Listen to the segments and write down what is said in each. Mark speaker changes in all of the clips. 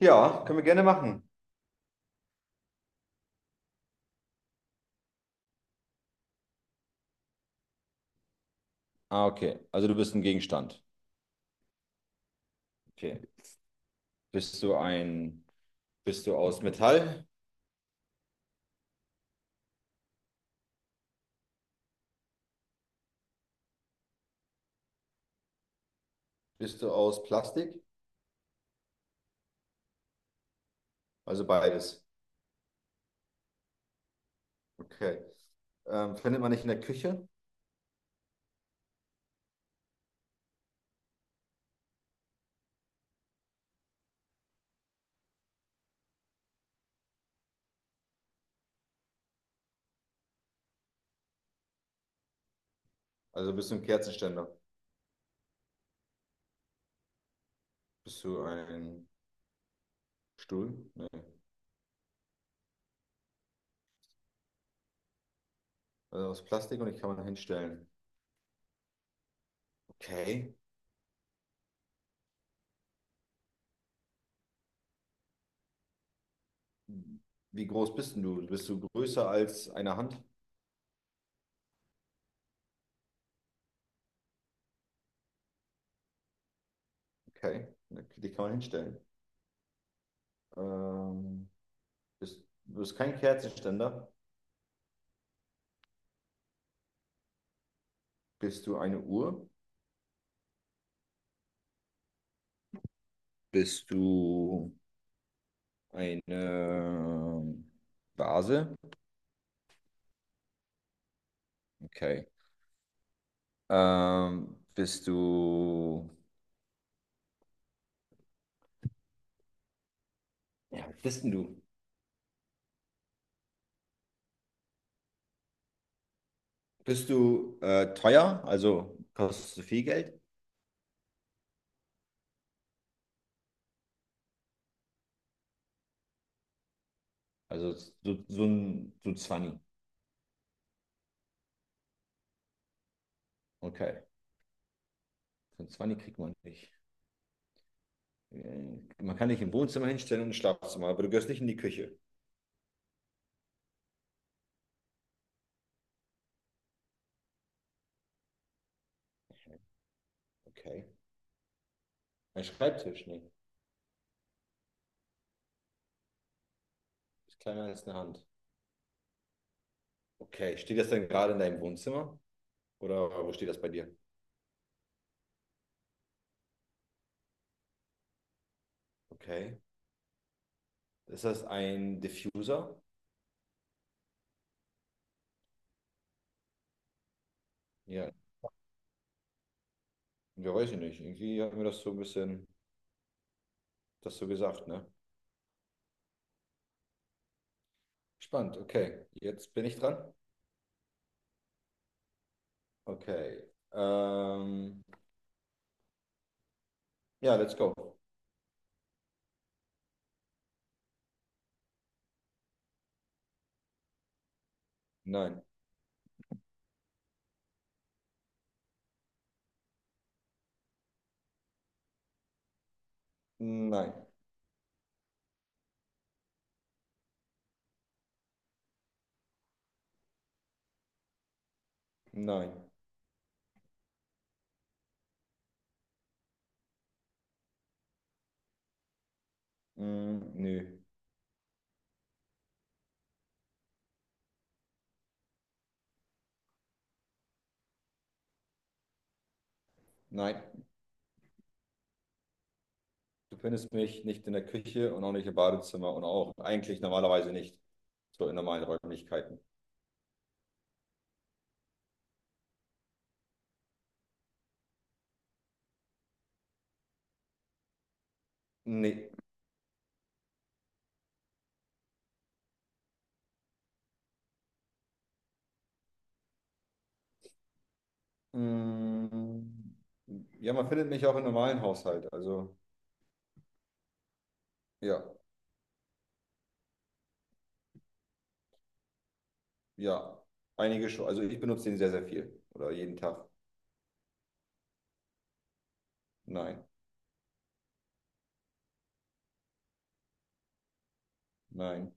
Speaker 1: Ja, können wir gerne machen. Ah, okay. Also du bist ein Gegenstand. Okay. Bist du ein, Bist du aus Metall? Bist du aus Plastik? Also beides. Okay. Findet man nicht in der Küche? Also bist du ein Kerzenständer? Bist du ein Stuhl? Nee. Also aus Plastik und ich kann man hinstellen. Okay. Wie groß bist denn du? Bist du größer als eine Hand? Okay. Die kann man hinstellen. Ähm, du bist kein Kerzenständer. Bist du eine Uhr? Bist du eine Vase? Okay. Bist du. Ja, was bist denn du? Bist du teuer? Also kostest du viel Geld? Also so ein 20. Okay. So ein 20 kriegt man nicht. Äh, Man kann dich im Wohnzimmer hinstellen und im Schlafzimmer, aber du gehörst nicht in die Küche. Okay. Ein Schreibtisch? Nee. Ist kleiner als eine Hand. Okay. Steht das denn gerade in deinem Wohnzimmer? Oder wo steht das bei dir? Okay. Ist das ein Diffuser? Ja, ja, weiß ich nicht. Irgendwie hat mir das so ein bisschen das so gesagt, ne? Spannend, okay. Jetzt bin ich dran. Okay. Ähm, ja, let's go. Nein, nein, nein, mm, nö, nein. Du findest mich nicht in der Küche und auch nicht im Badezimmer und auch eigentlich normalerweise nicht so in normalen Räumlichkeiten. Nee. Mm, ja, man findet mich auch im normalen Haushalt. Also, ja. Ja, einige schon. Also ich benutze den sehr, sehr viel. Oder jeden Tag. Nein, nein,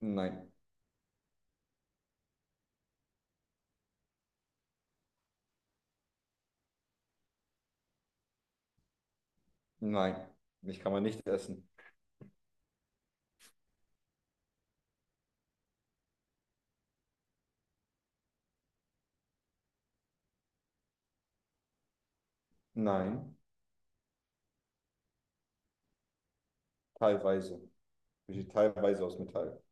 Speaker 1: nein, nein. Mich kann man nicht essen. Nein, teilweise. Besteht teilweise aus Metall.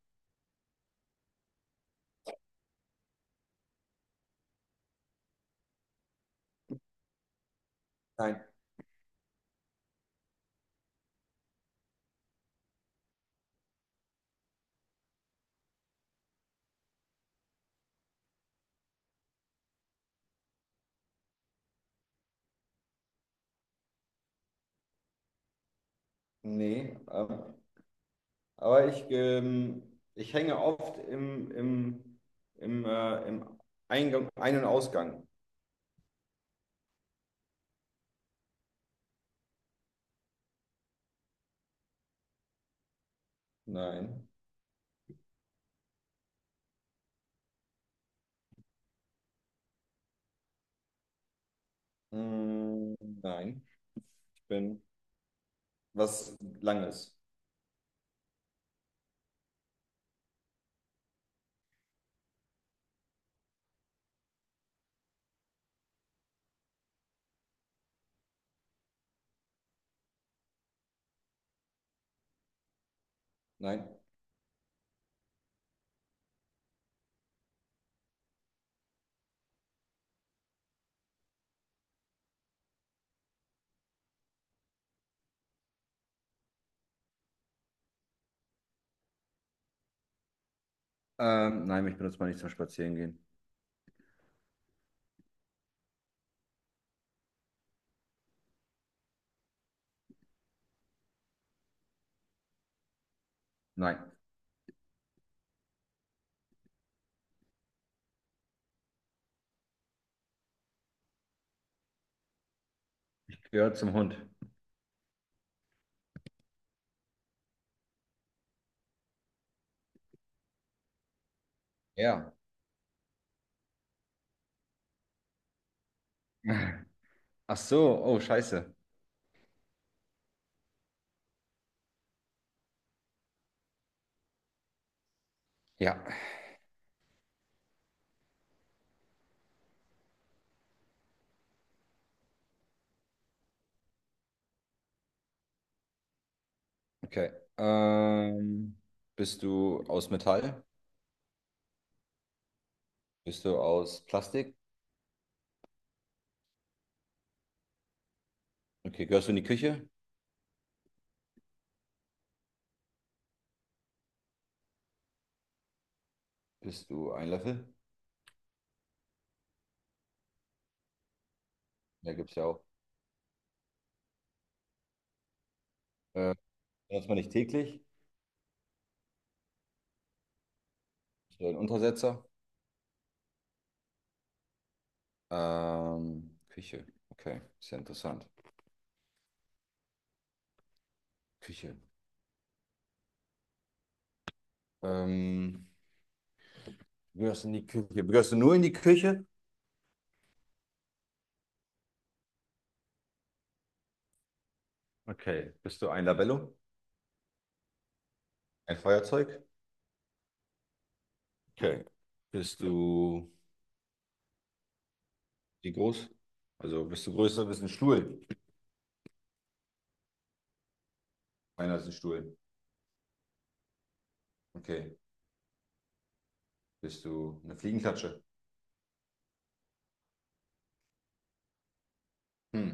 Speaker 1: Nein, nee. Aber ich hänge oft im Eingang, Ein- und Ausgang. Nein. Mm, nein. Ich bin was Langes. Nein. Nein, mich benutzt man nicht zum Spazierengehen. Nein. Ich gehöre zum Hund. Ja. Ach so, oh, scheiße. Ja, okay. Ähm, Bist du aus Metall? Bist du aus Plastik? Okay, gehörst du in die Küche? Bist du ein Löffel? Ja, gibt's ja auch. Äh, Benutzt man nicht täglich? Bist du ein Untersetzer? Küche. Okay, sehr interessant. Küche. Ähm, Gehörst du in die Küche. Gehörst du nur in die Küche? Okay. Bist du ein Labello? Ein Feuerzeug? Okay. Bist du Wie groß? Also bist ein Stuhl? Einer ist ein Stuhl. Okay. Bist du eine Fliegenklatsche? Hm.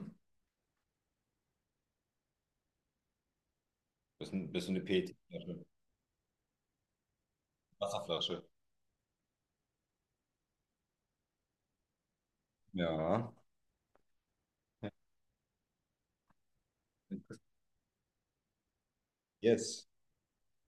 Speaker 1: Bist du eine PET-Flasche? Wasserflasche? Ja. Yes.